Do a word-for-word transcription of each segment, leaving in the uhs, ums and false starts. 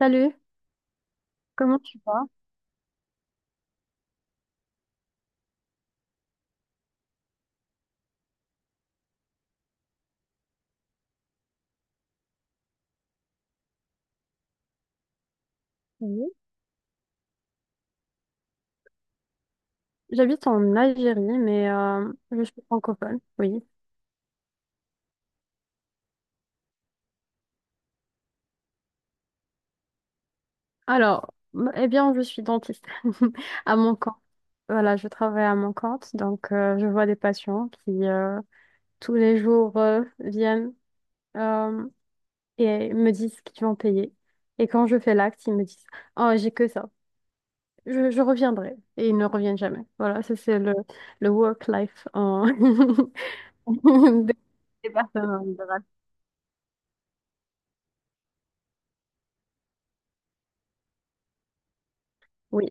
Salut, comment tu vas? Oui. J'habite en Algérie, mais euh, je suis francophone, oui. Alors, m- eh bien, je suis dentiste à mon compte. Voilà, je travaille à mon compte, donc euh, je vois des patients qui euh, tous les jours euh, viennent euh, et me disent qu'ils vont payer. Et quand je fais l'acte, ils me disent, oh, j'ai que ça, je, je reviendrai. Et ils ne reviennent jamais. Voilà, ça c'est le, le work life en... des des personnes en libéral. Oui.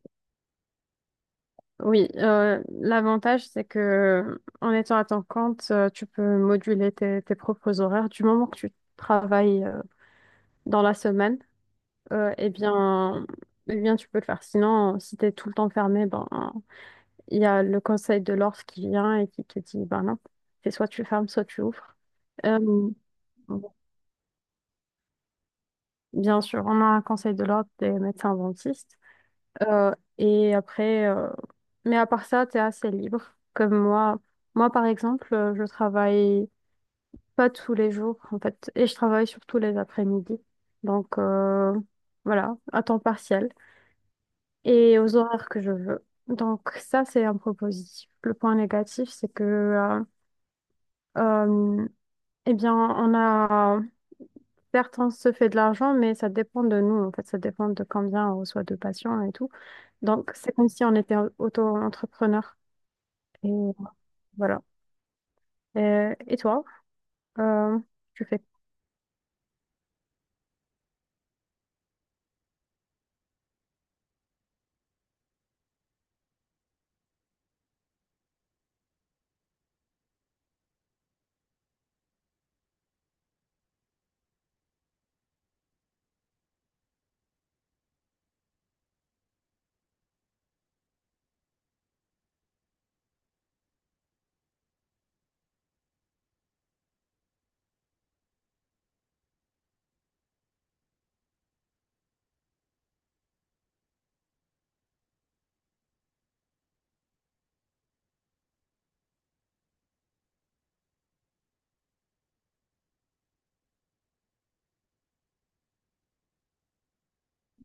Oui, euh, l'avantage, c'est que en étant à ton compte, euh, tu peux moduler tes, tes propres horaires. Du moment que tu travailles euh, dans la semaine, euh, eh bien, eh bien, tu peux le faire. Sinon, euh, si tu es tout le temps fermé, ben, il y a le conseil de l'ordre qui vient et qui te dit, ben non, c'est soit tu fermes, soit tu ouvres. Euh, bon, bien sûr, on a un conseil de l'ordre des médecins dentistes. Euh, et après, euh, mais à part ça, tu es assez libre. Comme moi, moi par exemple, euh, je travaille pas tous les jours en fait, et je travaille surtout les après-midi. Donc euh, voilà, à temps partiel et aux horaires que je veux. Donc ça, c'est un point positif. Le point négatif, c'est que euh, euh, eh bien, on a certes on se fait de l'argent, mais ça dépend de nous en fait, ça dépend de combien on reçoit de patients et tout. Donc c'est comme si on était auto-entrepreneur. Et voilà. Euh, et toi, euh, tu fais...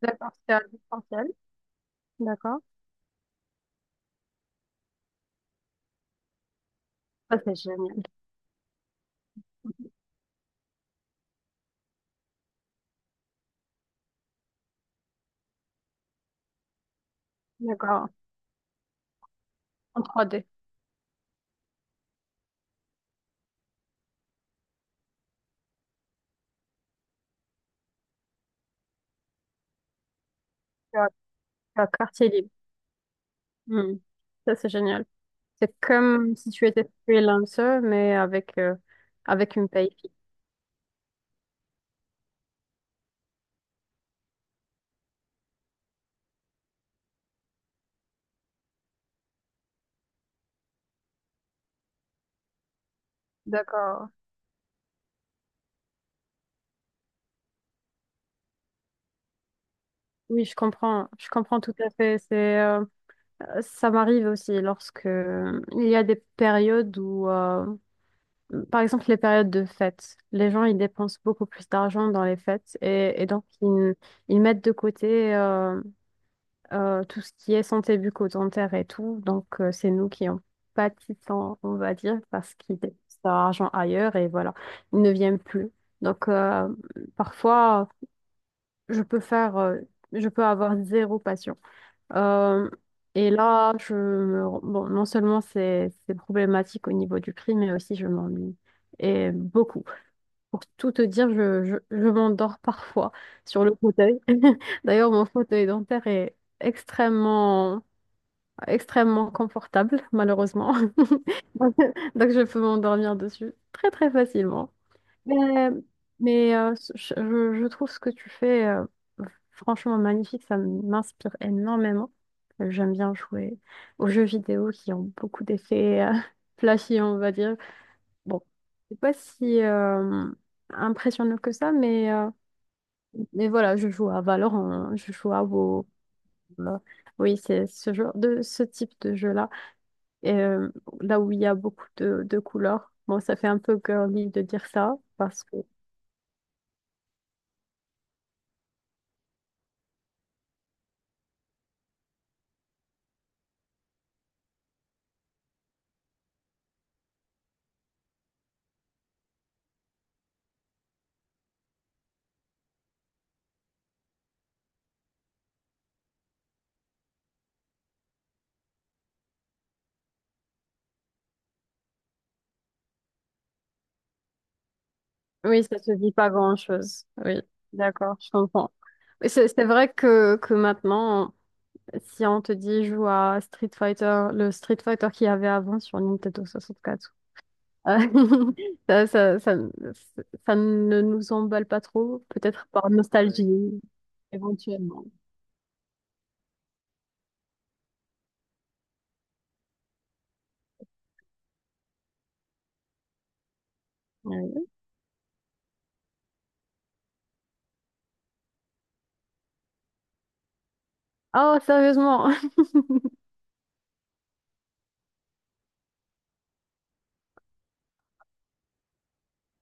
D'accord, c'est à distanciel. D'accord. Ça, c'est génial. D'accord. En trois d. Tu as, tu as quartier libre. Hmm. Ça, c'est génial. C'est comme si tu étais freelancer, mais avec, euh, avec une paye fixe. D'accord. Oui, je comprends. Je comprends tout à fait. C'est, euh, ça m'arrive aussi lorsque euh, il y a des périodes où, euh, par exemple, les périodes de fêtes, les gens ils dépensent beaucoup plus d'argent dans les fêtes et, et donc ils, ils mettent de côté euh, euh, tout ce qui est santé bucco-dentaire et tout. Donc euh, c'est nous qui en pâtissons, on va dire, parce qu'ils dépensent leur argent ailleurs et voilà, ils ne viennent plus. Donc euh, parfois, je peux faire, euh, je peux avoir zéro patient. Euh, et là, je me... rends- bon, non seulement c'est c'est problématique au niveau du prix, mais aussi je m'ennuie et beaucoup. Pour tout te dire, je, je, je m'endors parfois sur le fauteuil. D'ailleurs, mon fauteuil dentaire est extrêmement, extrêmement confortable, malheureusement. Donc, je peux m'endormir dessus très, très facilement. Mais, mais, euh, je, je- je trouve ce que tu fais euh, franchement magnifique. Ça m'inspire énormément. J'aime bien jouer aux jeux vidéo qui ont beaucoup d'effets euh, flashy, on va dire. Bon, c'est pas si euh, impressionnant que ça, mais... euh, mais voilà, je joue à Valorant, hein. Je joue à WoW. Euh, oui, c'est ce genre de ce type de jeu-là. Et euh, là où il y a beaucoup de, de couleurs. Bon, ça fait un peu girly de dire ça, parce que oui, ça se dit pas grand-chose. Oui, d'accord, je comprends. Mais C'est c'est vrai que, que maintenant, si on te dit joue à Street Fighter, le Street Fighter qu'il y avait avant sur Nintendo soixante-quatre, euh, ça, ça, ça, ça ne nous emballe pas trop, peut-être par ouais, nostalgie. Éventuellement. Ouais. Oh, sérieusement,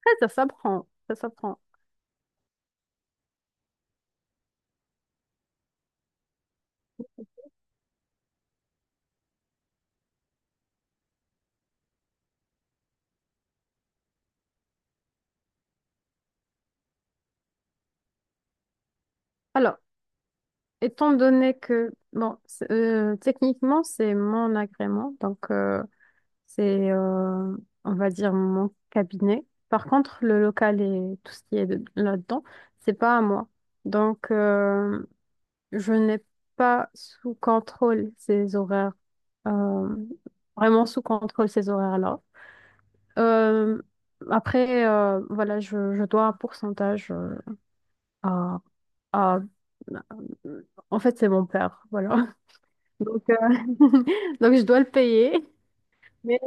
ça s'apprend, ça s'apprend. Alors, étant donné que, bon, c'est- euh, techniquement, c'est mon agrément, donc euh, c'est, euh, on va dire, mon cabinet. Par contre, le local et tout ce qui est de- là-dedans, c'est pas à moi. Donc, euh, je n'ai pas sous contrôle ces horaires, euh, vraiment sous contrôle ces horaires-là. Euh, après, euh, voilà, je, je dois un pourcentage euh, à, à- en fait, c'est mon père, voilà. Donc, euh, donc je dois le payer. Mais,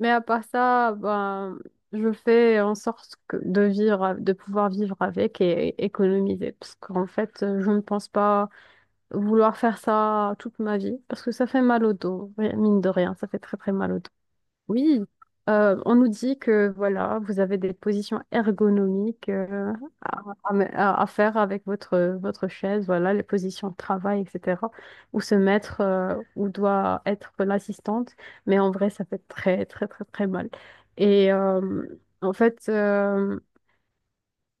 mais à part ça, ben, je fais en sorte que- de vivre, de pouvoir vivre avec et économiser. Parce qu'en fait, je ne pense pas vouloir faire ça toute ma vie. Parce que ça fait mal au dos, mine de rien. Ça fait très, très mal au dos. Oui, euh, on nous dit que voilà, vous avez des positions ergonomiques euh, à, à- à faire avec votre, votre chaise, voilà, les positions de travail, et cetera. Où se mettre, euh, où doit être l'assistante. Mais en vrai, ça fait très, très, très, très mal. Et euh, en fait, euh,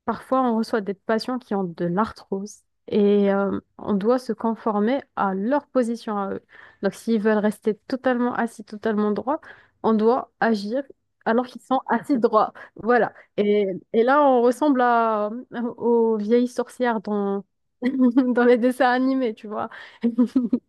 Parfois, on reçoit des patients qui ont de l'arthrose et euh, on doit se conformer à leur position à eux. Donc, s'ils veulent rester totalement assis, totalement droits, on doit agir alors qu'ils sont assis droits. Voilà. Et, et là, on ressemble à, euh, aux vieilles sorcières dans, dans les dessins animés, tu vois.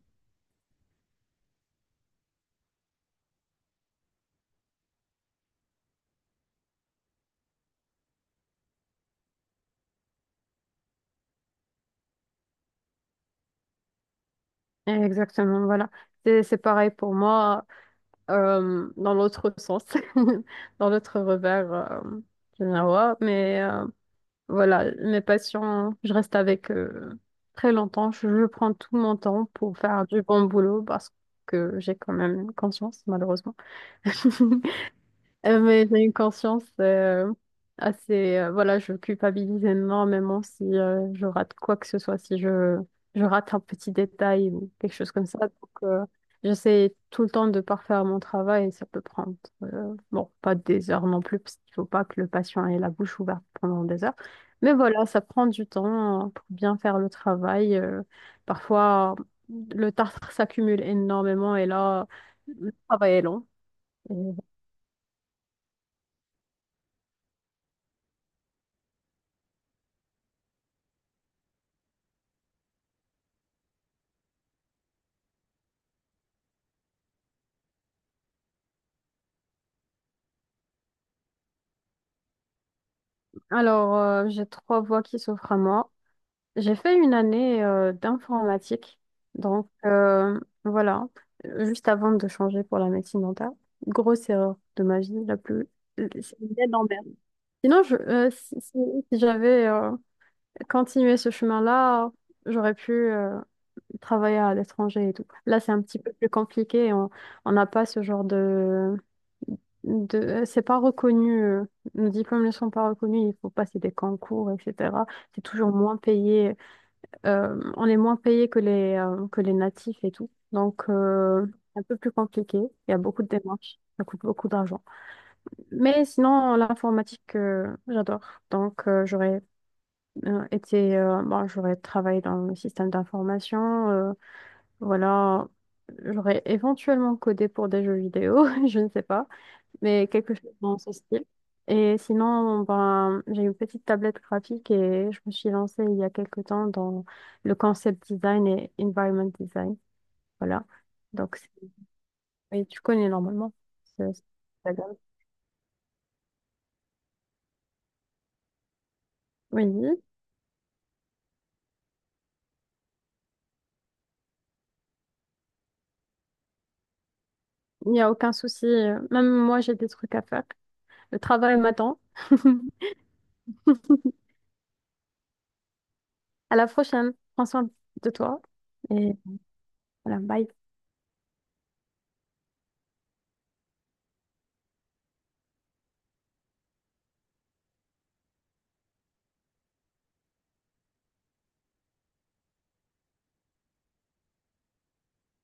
Exactement, voilà. C'est c'est pareil pour moi euh, dans l'autre sens, dans l'autre revers euh, du miroir. Mais euh, voilà, mes patients, je reste avec euh, très longtemps. Je, je prends tout mon temps pour faire du bon boulot parce que j'ai quand même conscience, malheureusement. Euh, mais j'ai une conscience euh, assez... euh, voilà, je culpabilise énormément si euh, je rate quoi que ce soit, si je, je rate un petit détail ou quelque chose comme ça. Donc, euh, j'essaie tout le temps de parfaire mon travail et ça peut prendre... euh, bon, pas des heures non plus, parce qu'il faut pas que le patient ait la bouche ouverte pendant des heures. Mais voilà, ça prend du temps euh, pour bien faire le travail. euh. Parfois, le tartre s'accumule énormément et là, le travail est long. Alors, euh, j'ai trois voies qui s'offrent à moi. J'ai fait une année euh, d'informatique. Donc, euh, voilà, Euh, juste avant de changer pour la médecine dentaire. Grosse erreur de ma vie, la plus... C'est une belle emmerde. Sinon, je, euh, si, si si j'avais euh, continué ce chemin-là, j'aurais pu euh, travailler à l'étranger et tout. Là, c'est un petit peu plus compliqué. On on n'a pas ce genre de, de, euh, c'est pas reconnu, euh, nos diplômes ne sont pas reconnus, il faut passer des concours, et cetera. C'est toujours moins payé, euh, on est moins payé que les, euh, que les natifs et tout. Donc, euh, c'est un peu plus compliqué, il y a beaucoup de démarches, ça coûte beaucoup d'argent. Mais sinon, l'informatique, euh, j'adore. Donc, euh, j'aurais euh, été, euh, bon, j'aurais travaillé dans le système d'information, euh, voilà. J'aurais éventuellement codé pour des jeux vidéo, je ne sais pas mais quelque chose dans ce style. Et sinon, ben, j'ai une petite tablette graphique et je me suis lancée il y a quelque temps dans le concept design et environment design. Voilà. Donc, c'est- oui, tu connais normalement. ce- ce- la gamme. Oui, il n'y a aucun souci. Même moi, j'ai des trucs à faire. Le travail m'attend. À la prochaine. Prends soin de toi. Et voilà, bye.